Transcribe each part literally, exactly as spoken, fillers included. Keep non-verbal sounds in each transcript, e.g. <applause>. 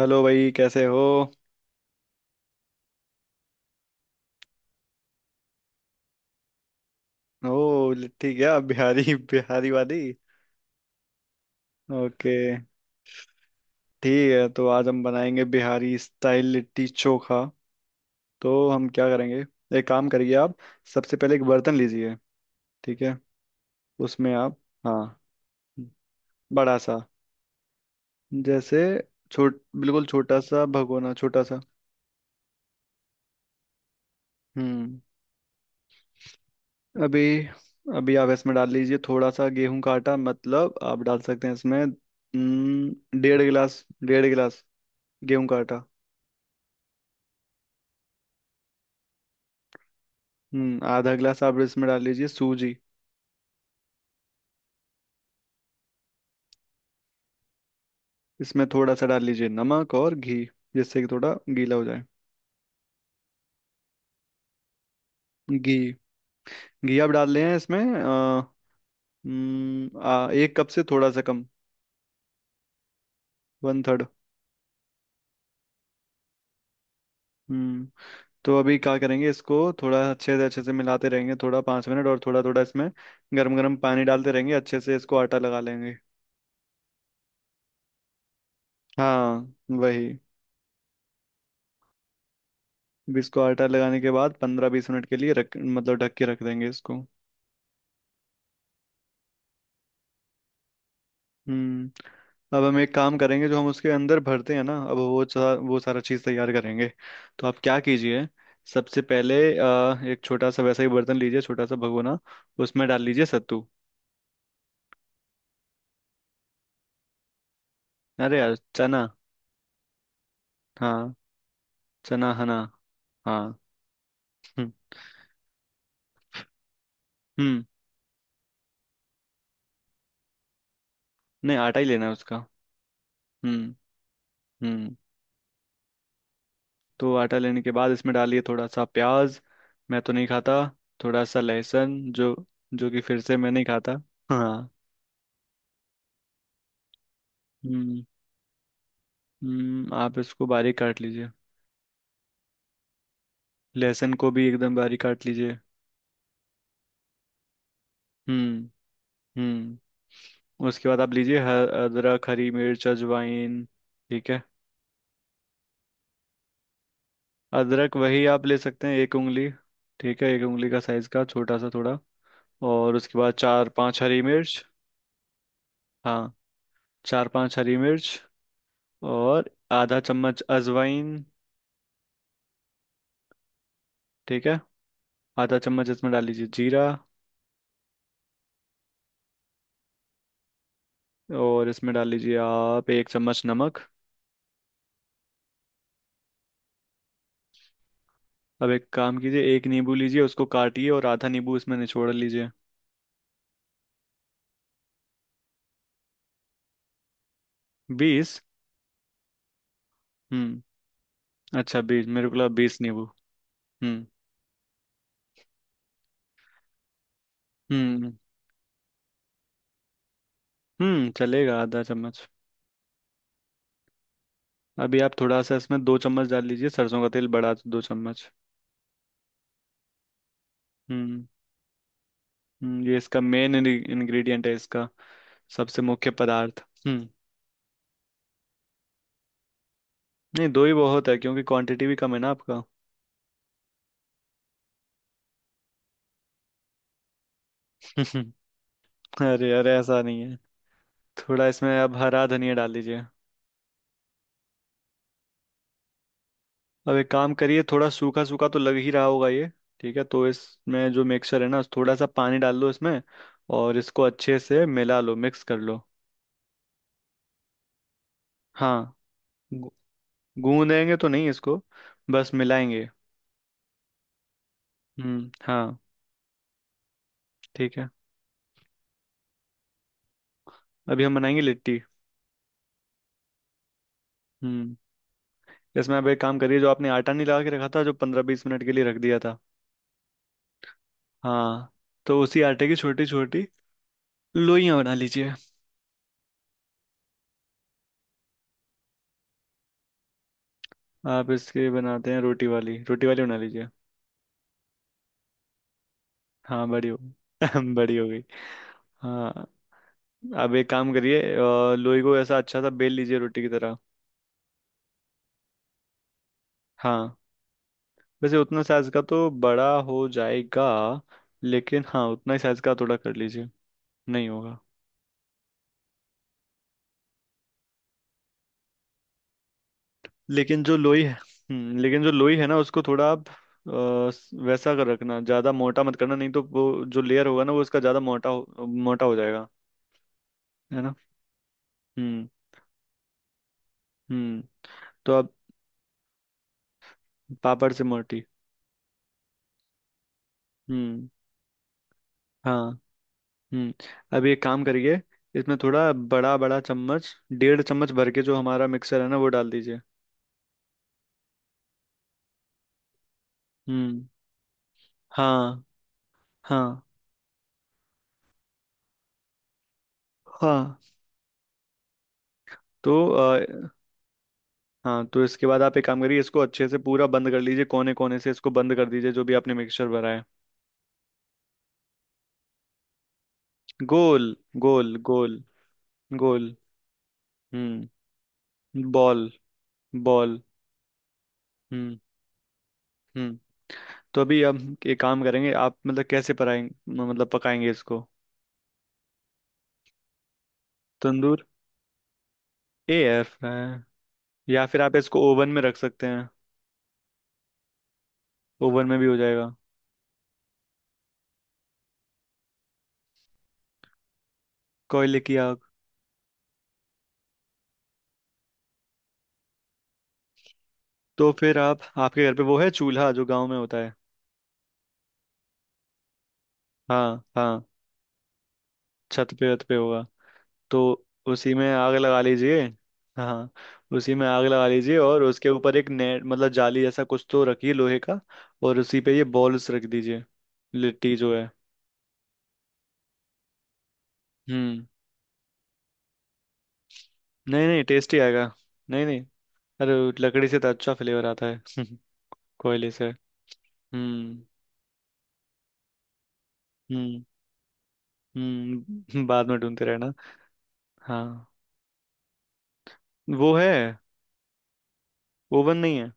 Hello भाई, कैसे हो। ओ, ठीक है, आप बिहारी <laughs> बिहारी वाली। ओके, ठीक है, तो आज हम बनाएंगे बिहारी स्टाइल लिट्टी चोखा। तो हम क्या करेंगे, एक काम करिए आप। सबसे पहले एक बर्तन लीजिए। ठीक है, उसमें आप, हाँ, बड़ा सा, जैसे छोट बिल्कुल छोटा सा भगोना, छोटा सा। हम्म। अभी अभी आप इसमें डाल लीजिए थोड़ा सा गेहूं का आटा, मतलब आप डाल सकते हैं इसमें हम्म, डेढ़ गिलास, डेढ़ गिलास गेहूं का आटा। हम्म, आधा गिलास आप इसमें डाल लीजिए सूजी। इसमें थोड़ा सा डाल लीजिए नमक और घी, जिससे कि थोड़ा गीला हो जाए। घी, घी आप डाल रहे हैं इसमें आ, हम्म, आ, एक कप से थोड़ा सा कम, वन थर्ड। हम्म, तो अभी क्या करेंगे इसको, थोड़ा अच्छे से अच्छे से मिलाते रहेंगे, थोड़ा पाँच मिनट, और थोड़ा थोड़ा इसमें गर्म गर्म पानी डालते रहेंगे, अच्छे से इसको आटा लगा लेंगे। हाँ, वही। अब इसको आटा लगाने के बाद पंद्रह बीस मिनट के लिए रख, मतलब ढक के रख देंगे इसको। हम्म। अब हम एक काम करेंगे, जो हम उसके अंदर भरते हैं ना, अब वो सा, वो सारा चीज़ तैयार करेंगे। तो आप क्या कीजिए, सबसे पहले अ, एक छोटा सा वैसा ही बर्तन लीजिए, छोटा सा भगोना। उसमें डाल लीजिए सत्तू। अरे यार, चना। हाँ, चना हना। हाँ। हम्म हम्म। नहीं, आटा ही लेना है उसका। हम्म। हम्म, तो आटा लेने के बाद इसमें डालिए थोड़ा सा प्याज, मैं तो नहीं खाता, थोड़ा सा लहसुन, जो जो कि फिर से मैं नहीं खाता। हाँ। हम्म। हम्म, आप इसको बारीक काट लीजिए, लहसुन को भी एकदम बारीक काट लीजिए। हम्म। हम्म, उसके बाद आप लीजिए ह- अदरक, हरी मिर्च, अजवाइन। ठीक है, अदरक वही आप ले सकते हैं एक उंगली। ठीक है, एक उंगली का साइज का, छोटा सा थोड़ा। और उसके बाद चार पांच हरी मिर्च। हाँ, चार पांच हरी मिर्च और आधा चम्मच अजवाइन। ठीक है, आधा चम्मच इसमें डाल लीजिए जीरा। और इसमें डाल लीजिए आप एक चम्मच नमक। अब एक काम कीजिए, एक नींबू लीजिए, उसको काटिए और आधा नींबू इसमें निचोड़ लीजिए। बीस। हम्म, अच्छा, बीस मेरे को लगा, बीस नींबू। हम्म। हम्म। हम्म, चलेगा आधा चम्मच। अभी आप थोड़ा सा इसमें दो चम्मच डाल लीजिए सरसों का तेल, बढ़ा दो चम्मच। हम्म। हम्म, ये इसका मेन इंग्रेडिएंट है, इसका सबसे मुख्य पदार्थ। हम्म, नहीं, दो ही बहुत है, क्योंकि क्वांटिटी भी कम है ना आपका। <laughs> अरे अरे, ऐसा नहीं है। थोड़ा इसमें अब हरा धनिया डाल दीजिए। अब एक काम करिए, थोड़ा सूखा सूखा तो लग ही रहा होगा ये। ठीक है, तो इसमें जो मिक्सचर है ना, थोड़ा सा पानी डाल लो इसमें और इसको अच्छे से मिला लो, मिक्स कर लो। हाँ, गू- गूंदेंगे तो नहीं इसको, बस मिलाएंगे। हम्म, हाँ, ठीक है। अभी हम बनाएंगे लिट्टी। हम्म, इसमें अब एक काम करिए, जो आपने आटा नहीं लगा के रखा था, जो पंद्रह बीस मिनट के लिए रख दिया था। हाँ, तो उसी आटे की छोटी छोटी लोइयां बना लीजिए। आप इसके बनाते हैं रोटी वाली, रोटी वाली बना लीजिए। हाँ, बड़ी हो <laughs> गई, बड़ी हो गई। हाँ। अब एक काम करिए, अ, लोई को ऐसा अच्छा सा बेल लीजिए, रोटी की तरह। हाँ, वैसे उतना साइज का तो बड़ा हो जाएगा, लेकिन हाँ, उतना ही साइज का थोड़ा कर लीजिए, नहीं होगा। लेकिन जो लोई है, हम्म, लेकिन जो लोई है ना, उसको थोड़ा आप अ, वैसा कर रखना, ज़्यादा मोटा मत करना, नहीं तो वो जो लेयर होगा ना, वो उसका ज़्यादा मोटा हो, मोटा हो जाएगा। है ना। हम्म। हम्म, तो आप, पापड़ से मोटी। हम्म। हाँ, हम्म। अब एक काम करिए, इसमें थोड़ा बड़ा बड़ा चम्मच, डेढ़ चम्मच भर के जो हमारा मिक्सर है ना, वो डाल दीजिए। हम्म, हाँ, हाँ। हाँ, तो अ, हाँ, तो इसके बाद आप एक काम करिए, इसको अच्छे से पूरा बंद कर लीजिए, कोने कोने से इसको बंद कर दीजिए जो भी आपने मिक्सचर भरा है। गोल, गोल गोल, गोल। हम्म। Ball, ball. हम्म। हम्म, तो अभी हम एक काम करेंगे, आप मतलब कैसे पकाएंगे, मतलब पकाएंगे इसको, तंदूर, ए एफ है, या फिर आप इसको ओवन में रख सकते हैं। ओवन में भी हो जाएगा। कोयले की आग। तो फिर आप, आपके घर पे वो है चूल्हा, जो गांव में होता है। हाँ हाँ, छत पे वत पे होगा, तो उसी में आग लगा लीजिए। हाँ, उसी में आग लगा लीजिए और उसके ऊपर एक नेट, मतलब जाली जैसा कुछ तो रखिए लोहे का, और उसी पे ये बॉल्स रख दीजिए, लिट्टी जो है। हम्म, नहीं नहीं, टेस्टी आएगा, नहीं नहीं, अरे लकड़ी से तो अच्छा फ्लेवर आता है <laughs> कोयले से। हम्म। हम्म। हम्म <laughs> बाद में ढूंढते रहना। हाँ, वो है, ओवन नहीं है।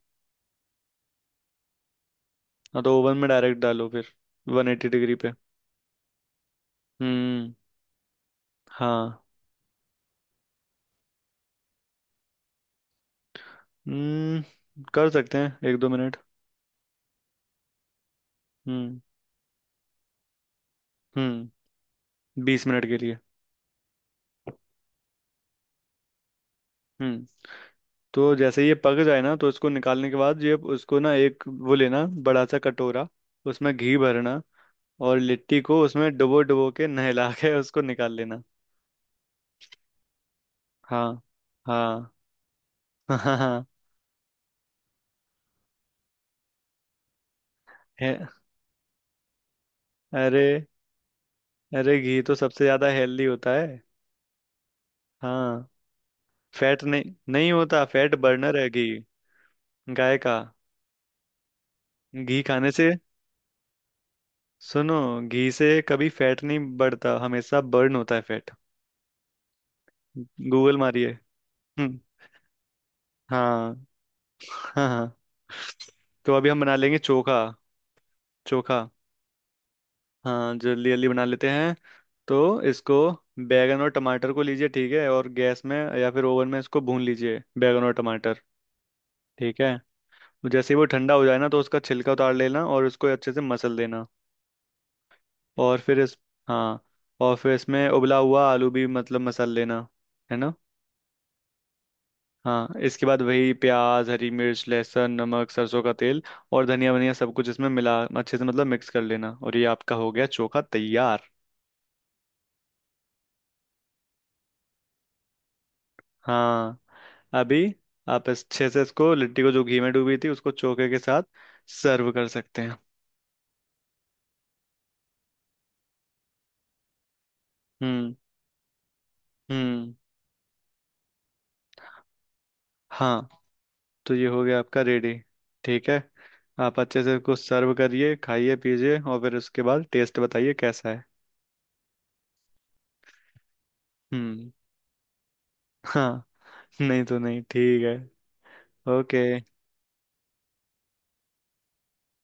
हाँ, तो ओवन में डायरेक्ट डालो फिर, वन एटी डिग्री पे। हम्म, हाँ। हम्म, कर सकते हैं एक दो मिनट। हम्म। हम्म, बीस मिनट के लिए। हम्म, तो जैसे ये पक जाए ना, तो इसको निकालने के बाद ये, उसको ना एक वो लेना, बड़ा सा कटोरा, उसमें घी भरना और लिट्टी को उसमें डुबो डुबो के, नहला के उसको निकाल लेना। हाँ, हाँ। <laughs> हाँ। है, अरे अरे, घी तो सबसे ज्यादा हेल्दी होता है। हाँ, फैट नहीं नहीं होता, फैट बर्नर है घी। गाय का। घी खाने से, सुनो, घी से कभी फैट नहीं बढ़ता, हमेशा बर्न होता है फैट। गूगल मारिए। हम्म, हाँ, हाँ। हाँ, तो अभी हम बना लेंगे चोखा। चोखा, हाँ, जल्दी जल्दी बना लेते हैं। तो इसको, बैगन और टमाटर को लीजिए, ठीक है, और गैस में या फिर ओवन में इसको भून लीजिए, बैगन और टमाटर। ठीक है, तो जैसे ही वो ठंडा हो जाए ना, तो उसका छिलका उतार लेना और उसको अच्छे से मसल देना, और फिर इस, हाँ, और फिर इसमें उबला हुआ आलू भी, मतलब मसल लेना। है ना। हाँ, इसके बाद वही प्याज, हरी मिर्च, लहसुन, नमक, सरसों का तेल और धनिया वनिया, सब कुछ इसमें मिला, अच्छे से मतलब मिक्स कर लेना, और ये आपका हो गया चोखा तैयार। हाँ। अभी आप अच्छे से इसको, लिट्टी को जो घी में डूबी थी, उसको चोखे के साथ सर्व कर सकते हैं। हम्म। हम्म। हाँ, तो ये हो गया आपका रेडी। ठीक है, आप अच्छे से इसको सर्व करिए, खाइए पीजिए और फिर उसके बाद टेस्ट बताइए कैसा है। हम्म। हाँ, नहीं तो नहीं, ठीक है, ओके।